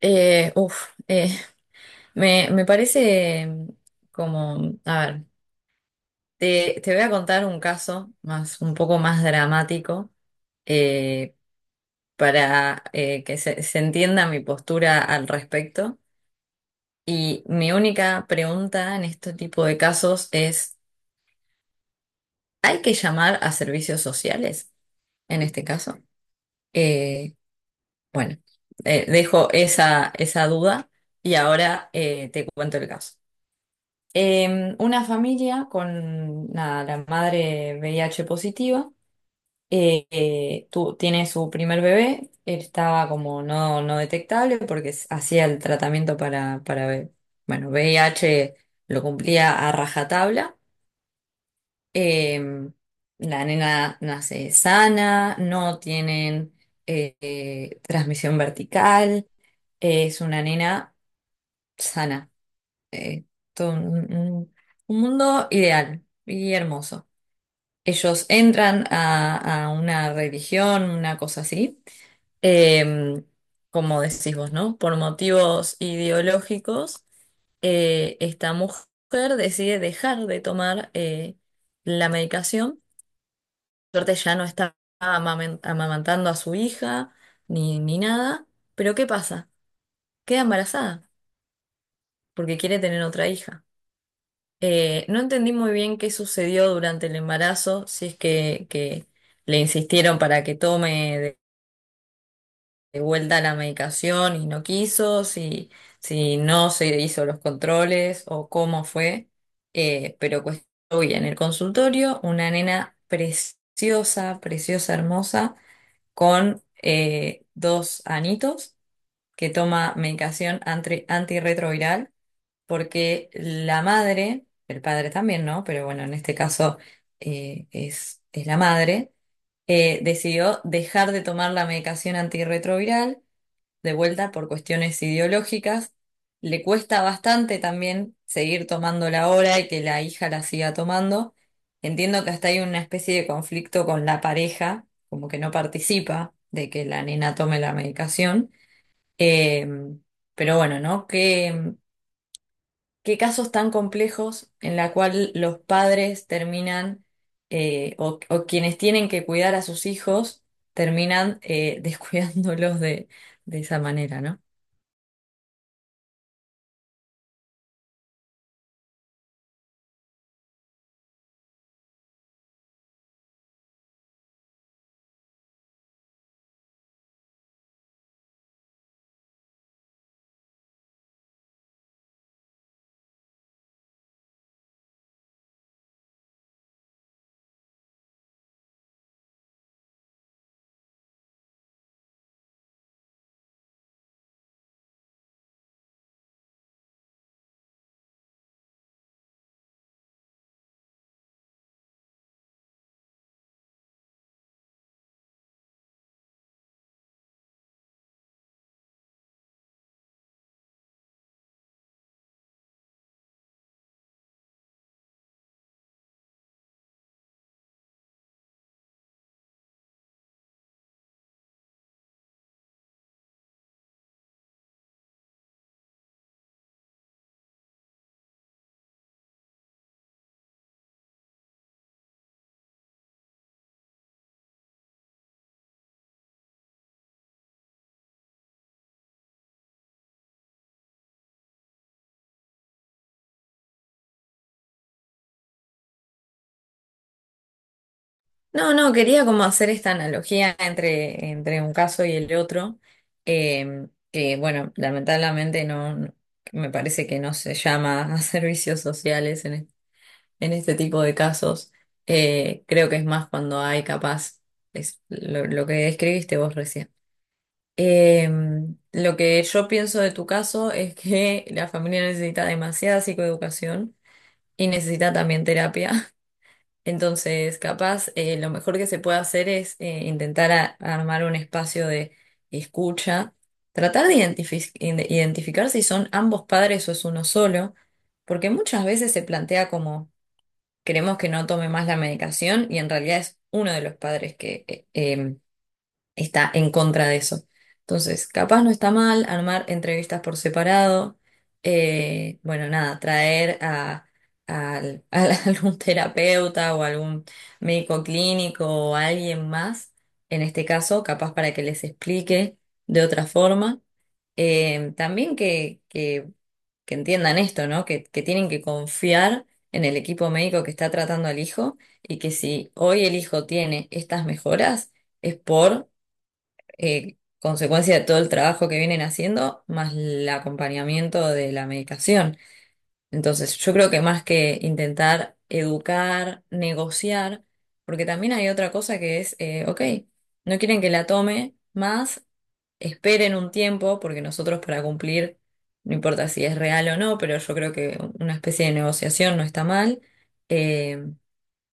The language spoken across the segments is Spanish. Uf, me parece como, a ver, te voy a contar un caso más, un poco más dramático, eh, para que se entienda mi postura al respecto. Y mi única pregunta en este tipo de casos es, ¿hay que llamar a servicios sociales en este caso? Eh, bueno, dejo esa duda y ahora te cuento el caso. Una familia con nada, la madre VIH positiva, tiene su primer bebé. Él estaba como no, no detectable porque hacía el tratamiento para VIH. Lo cumplía a rajatabla. Em, la nena nace sana, no tienen, transmisión vertical, es una nena sana. eh, Todo un mundo ideal y hermoso. Ellos entran a una religión, una cosa así, eh, como decís vos, ¿no? Por motivos ideológicos, esta mujer decide dejar de tomar la medicación. Por suerte ya no está amamantando a su hija ni nada, pero ¿qué pasa? Queda embarazada porque quiere tener otra hija. No entendí muy bien qué sucedió durante el embarazo, si es que le insistieron para que tome de vuelta la medicación y no quiso, si, si no se hizo los controles o cómo fue. Pero pues hoy en el consultorio una nena preciosa, preciosa, hermosa, con, dos anitos, que toma medicación antirretroviral, porque la madre, el padre también, ¿no? Pero bueno, en este caso, es la madre, decidió dejar de tomar la medicación antirretroviral, de vuelta por cuestiones ideológicas. Le cuesta bastante también seguir tomándola ahora y que la hija la siga tomando. Entiendo que hasta hay una especie de conflicto con la pareja, como que no participa de que la nena tome la medicación. Eh, pero bueno, ¿no? Qué, qué casos tan complejos, en la cual los padres terminan, o quienes tienen que cuidar a sus hijos, terminan, descuidándolos de esa manera, ¿no? No, no, quería como hacer esta analogía entre, entre un caso y el otro. Que bueno, lamentablemente me parece que no se llama a servicios sociales en este tipo de casos. Creo que es más cuando hay, capaz, es lo que describiste vos recién. Lo que yo pienso de tu caso es que la familia necesita demasiada psicoeducación y necesita también terapia. Entonces, capaz, lo mejor que se puede hacer es, intentar armar un espacio de escucha, tratar de identificar si son ambos padres o es uno solo, porque muchas veces se plantea como queremos que no tome más la medicación, y en realidad es uno de los padres que, está en contra de eso. Entonces, capaz no está mal armar entrevistas por separado. Bueno, nada, traer a algún terapeuta o algún médico clínico o alguien más, en este caso, capaz, para que les explique de otra forma. También que, que entiendan esto, ¿no? Que tienen que confiar en el equipo médico que está tratando al hijo, y que si hoy el hijo tiene estas mejoras, es por, consecuencia de todo el trabajo que vienen haciendo, más el acompañamiento de la medicación. Entonces, yo creo que más que intentar educar, negociar, porque también hay otra cosa que es, ok, no quieren que la tome, más esperen un tiempo, porque nosotros para cumplir, no importa si es real o no, pero yo creo que una especie de negociación no está mal. Eh,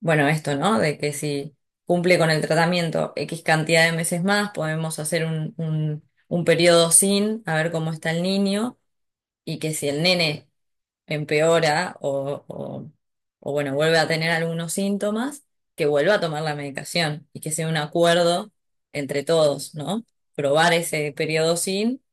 bueno, esto, ¿no? De que si cumple con el tratamiento X cantidad de meses más, podemos hacer un periodo sin, a ver cómo está el niño. Y que si el nene empeora o, bueno, vuelve a tener algunos síntomas, que vuelva a tomar la medicación, y que sea un acuerdo entre todos, ¿no? Probar ese periodo sin,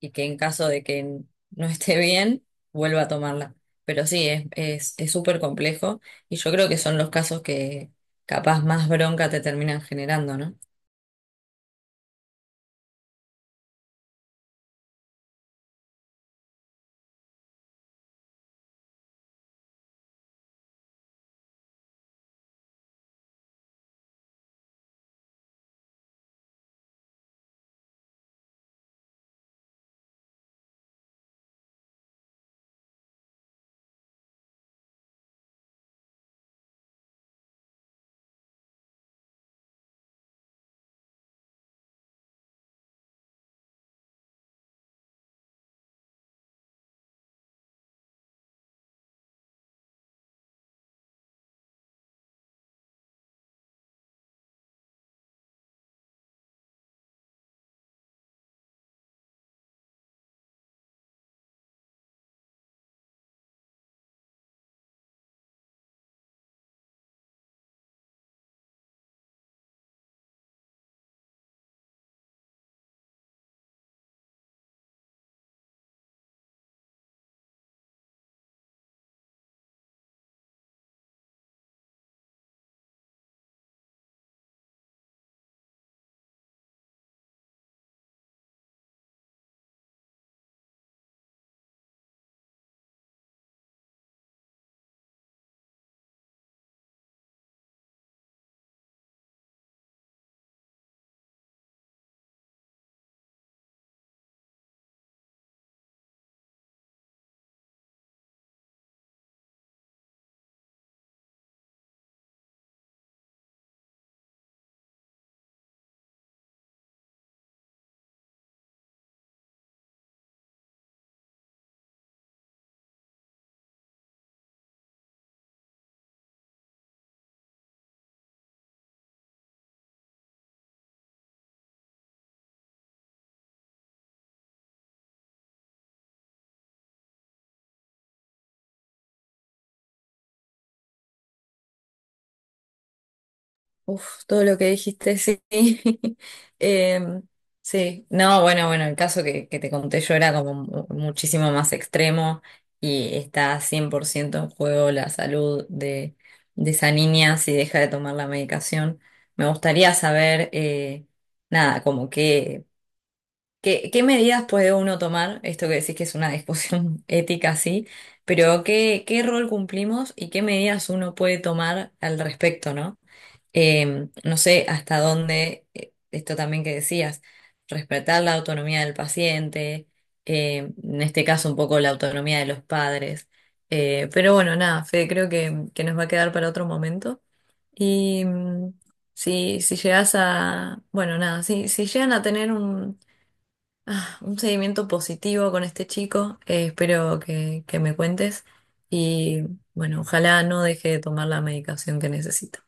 y que en caso de que no esté bien, vuelva a tomarla. Pero sí, es, es súper complejo, y yo creo que son los casos que capaz más bronca te terminan generando, ¿no? Uf, todo lo que dijiste, sí. Em, sí, no, bueno, bueno, el caso que te conté yo era como muchísimo más extremo, y está 100% en juego la salud de esa niña, si deja de tomar la medicación. Me gustaría saber, nada, como que, ¿qué, qué medidas puede uno tomar? Esto que decís que es una discusión ética, sí, pero ¿qué, qué rol cumplimos y qué medidas uno puede tomar al respecto, ¿no? No sé hasta dónde, esto también que decías, respetar la autonomía del paciente, en este caso un poco la autonomía de los padres. Pero bueno, nada, Fede, creo que nos va a quedar para otro momento. Y si, si llegas a, bueno, nada, si llegan a tener un, un seguimiento positivo con este chico. Espero que me cuentes. Y bueno, ojalá no deje de tomar la medicación que necesita.